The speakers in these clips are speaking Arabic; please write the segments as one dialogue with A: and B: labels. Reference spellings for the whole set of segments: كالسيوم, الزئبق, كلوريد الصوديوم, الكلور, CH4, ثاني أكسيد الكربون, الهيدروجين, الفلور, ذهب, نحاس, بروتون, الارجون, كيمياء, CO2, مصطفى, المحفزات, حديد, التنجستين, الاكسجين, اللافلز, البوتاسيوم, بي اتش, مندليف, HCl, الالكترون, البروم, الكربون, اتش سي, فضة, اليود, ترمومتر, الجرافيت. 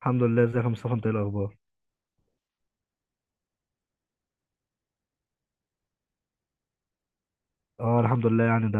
A: الحمد لله، ازيك يا مصطفى؟ انت ايه الاخبار؟ اه الحمد لله، يعني ده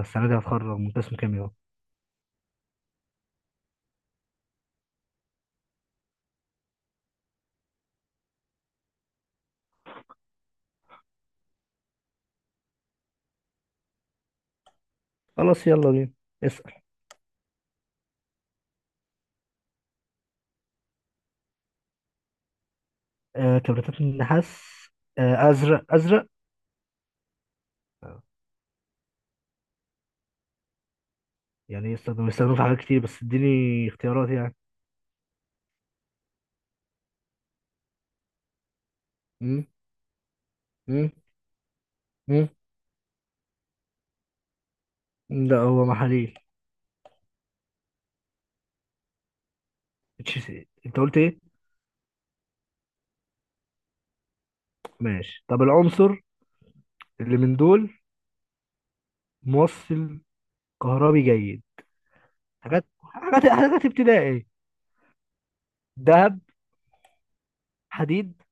A: السنه دي هتخرج من قسم كيمياء. خلاص، يلا بينا، اسال. كبريتات النحاس. ازرق، ازرق. آه. يعني يستخدموا في حاجات كتير، بس اديني اختيارات يعني. امم امم امم لا، هو محاليل. اتش سي، انت قلت ايه؟ ماشي. طب العنصر اللي من دول موصل كهربي جيد؟ حاجات حاجات حاجات ابتدائي. ذهب. حديد.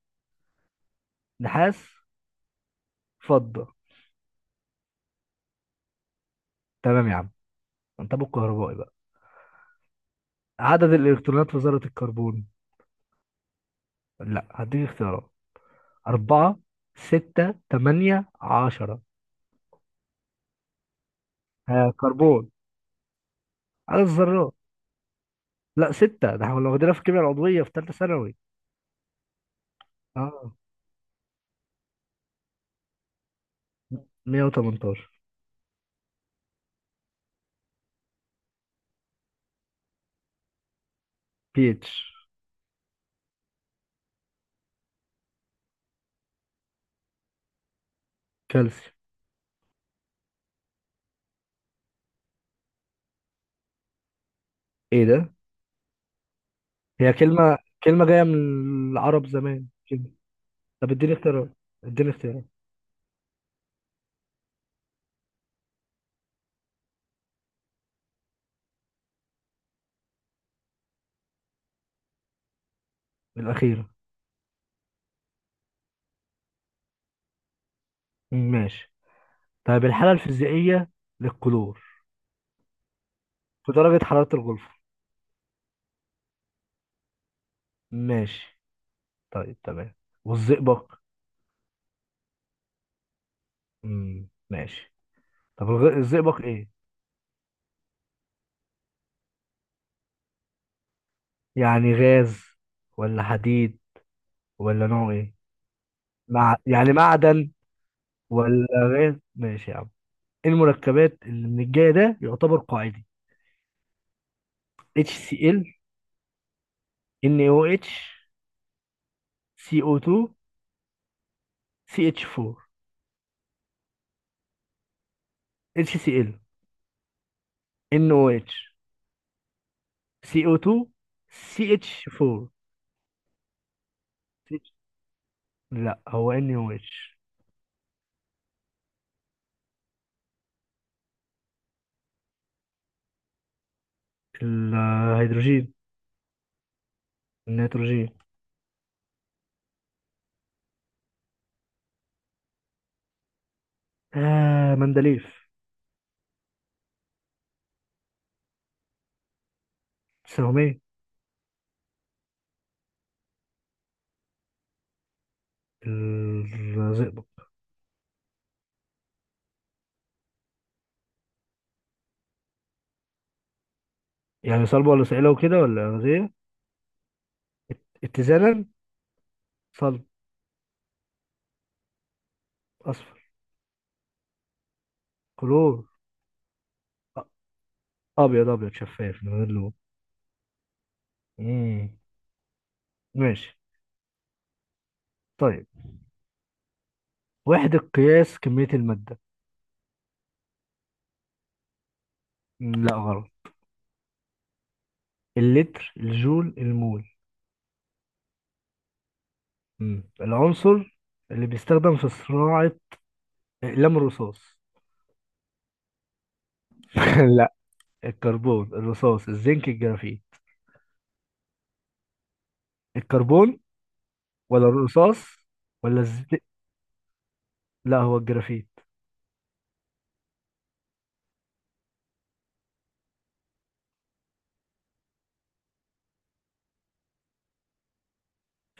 A: نحاس. فضة. تمام يا عم، انت ابو الكهربائي بقى. عدد الإلكترونات في ذرة الكربون؟ لا، هديك اختيارات. أربعة، ستة، تمانية، عشرة. ها، كربون، عدد الذرات. لا، ستة، ده احنا كنا واخدينها في الكيمياء العضوية في تالتة ثانوي. اه. 118. بي اتش. كالسيوم. ايه ده؟ هي كلمة جاية من العرب زمان كده. طب اديني اختيارات، اديني اختيارات. الأخيرة. ماشي. طيب الحالة الفيزيائية للكلور في درجة حرارة الغرفة؟ ماشي، طيب تمام. والزئبق؟ مم، ماشي. طب الزئبق ايه؟ يعني غاز ولا حديد ولا نوع ايه؟ مع يعني معدن؟ ولا غاز؟ ماشي يا عم. إيه المركبات اللي من الجاي ده يعتبر قاعدي؟ HCl. NaOH. CO2. CH4. HCl. NaOH. CO2. CH4. لا، هو NaOH. الهيدروجين. النيتروجين. مندليف. سهمية. الزئبق. يعني صلب ولا صعيلة وكده ولا غازية؟ اتزانا. صلب. أصفر. كلور. أ- أبيض، أبيض، شفاف من غير لون. مم. ماشي. طيب وحدة قياس كمية المادة؟ مم، لا غلط. اللتر، الجول، المول. العنصر اللي بيستخدم في صناعة أقلام الرصاص. لا. الكربون، الرصاص، الزنك، الجرافيت. الكربون. ولا الرصاص؟ ولا الزنك؟ لا، هو الجرافيت.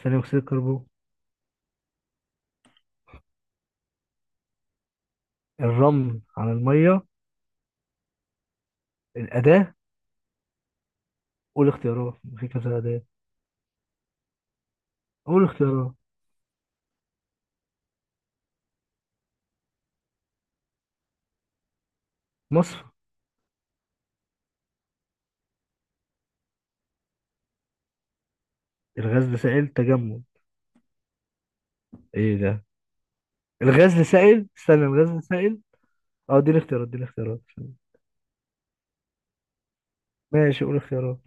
A: ثاني أكسيد الكربون. الرمل على المية؟ الأداة؟ قول اختيارات، في كذا أداة. قول اختيارات. مصفى. الغاز لسائل؟ تجمد. ايه ده؟ الغاز لسائل، استنى، الغاز لسائل. اه، دي الاختيارات، دي الاختيارات. ماشي، قول اختيارات.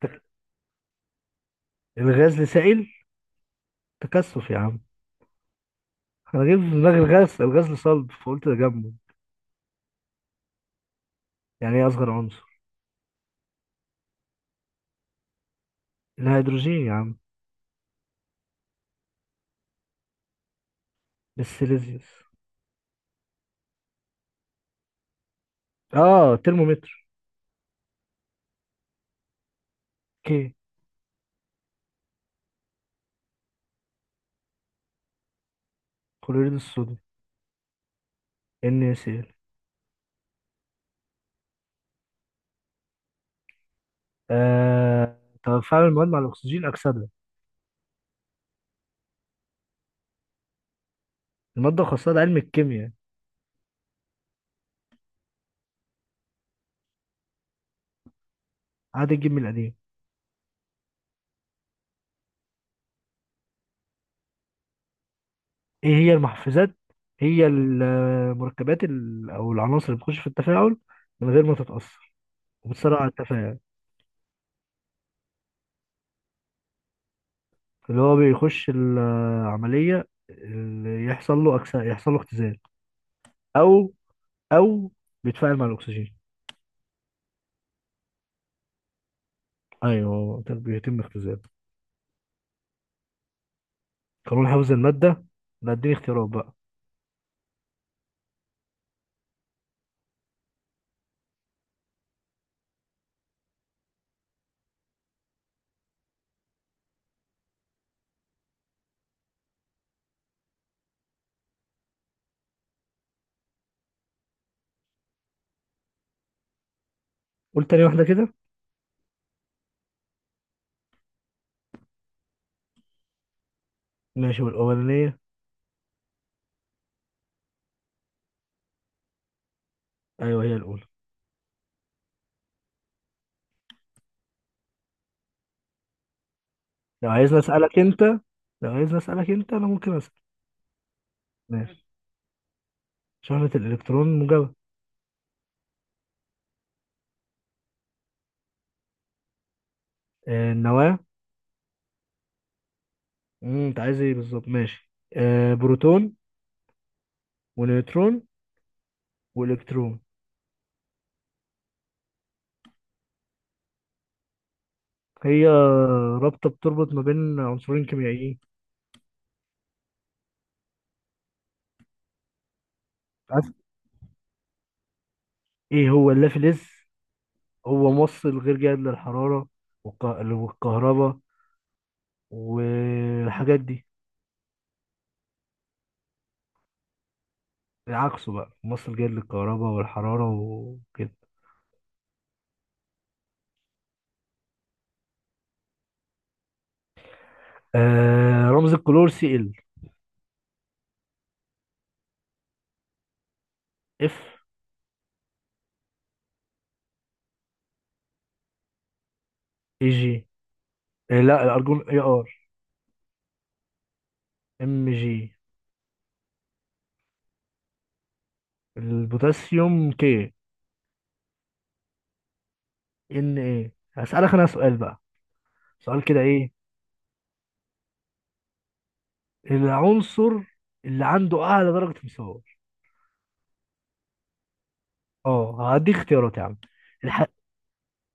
A: تك... الغاز لسائل، تكثف يا عم. انا جايب في دماغي الغاز لصلب، فقلت تجمد. يعني ايه اصغر عنصر؟ الهيدروجين يا عم. السيليزيوس. اه، ترمومتر. اوكي. كلوريد الصوديوم. ان سي ال. تفاعل المواد مع الاكسجين، اكسده. الماده خاصه، ده علم الكيمياء. عاد الجيم القديم. ايه هي المحفزات؟ هي المركبات او العناصر اللي بتخش في التفاعل من غير ما تتأثر. وبتسرع التفاعل. اللي هو بيخش العملية، اللي يحصل له يحصل له اختزال، او او بيتفاعل مع الاكسجين. ايوه، ده بيتم اختزال. قانون حفظ المادة؟ لا، اديني اختيارات بقى. قول تاني واحدة كده. ماشي، والاولانية؟ ايوه، هي الاولى. لو عايزني اسألك انت لو عايزني اسألك انت، انا ممكن اسأل. ماشي. شحنة الالكترون موجبة. النواة. انت عايز ايه بالظبط؟ ماشي. بروتون. ونيوترون. والكترون. هي رابطه بتربط ما بين عنصرين كيميائيين. عارف، ايه هو اللافلز؟ هو موصل غير جيد للحراره، والكهرباء والحاجات دي. عكسه بقى، موصل جيد للكهرباء والحراره وكده. رمز الكلور، سي ال. اف. اي جي. لا، الارجون اي ار. ام جي. البوتاسيوم كي. ان ايه. هسألك انا سؤال بقى، سؤال كده، ايه العنصر اللي عنده اعلى درجة مساواة؟ اه، هدي اختيارات يا عم. الح...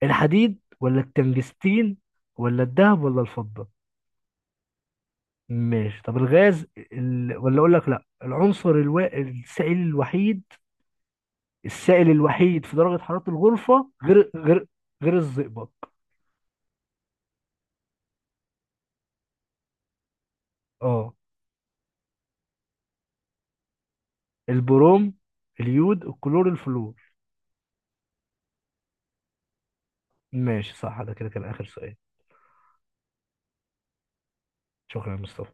A: الحديد ولا التنجستين؟ ولا الذهب ولا الفضة؟ ماشي. طب الغاز ولا اقول لك، لا، العنصر السائل الوحيد. السائل الوحيد في درجة حرارة الغرفة، غير الزئبق. اه. البروم، اليود، الكلور، الفلور. ماشي صح، ده كده كان اخر سؤال. شكرا يا مصطفى.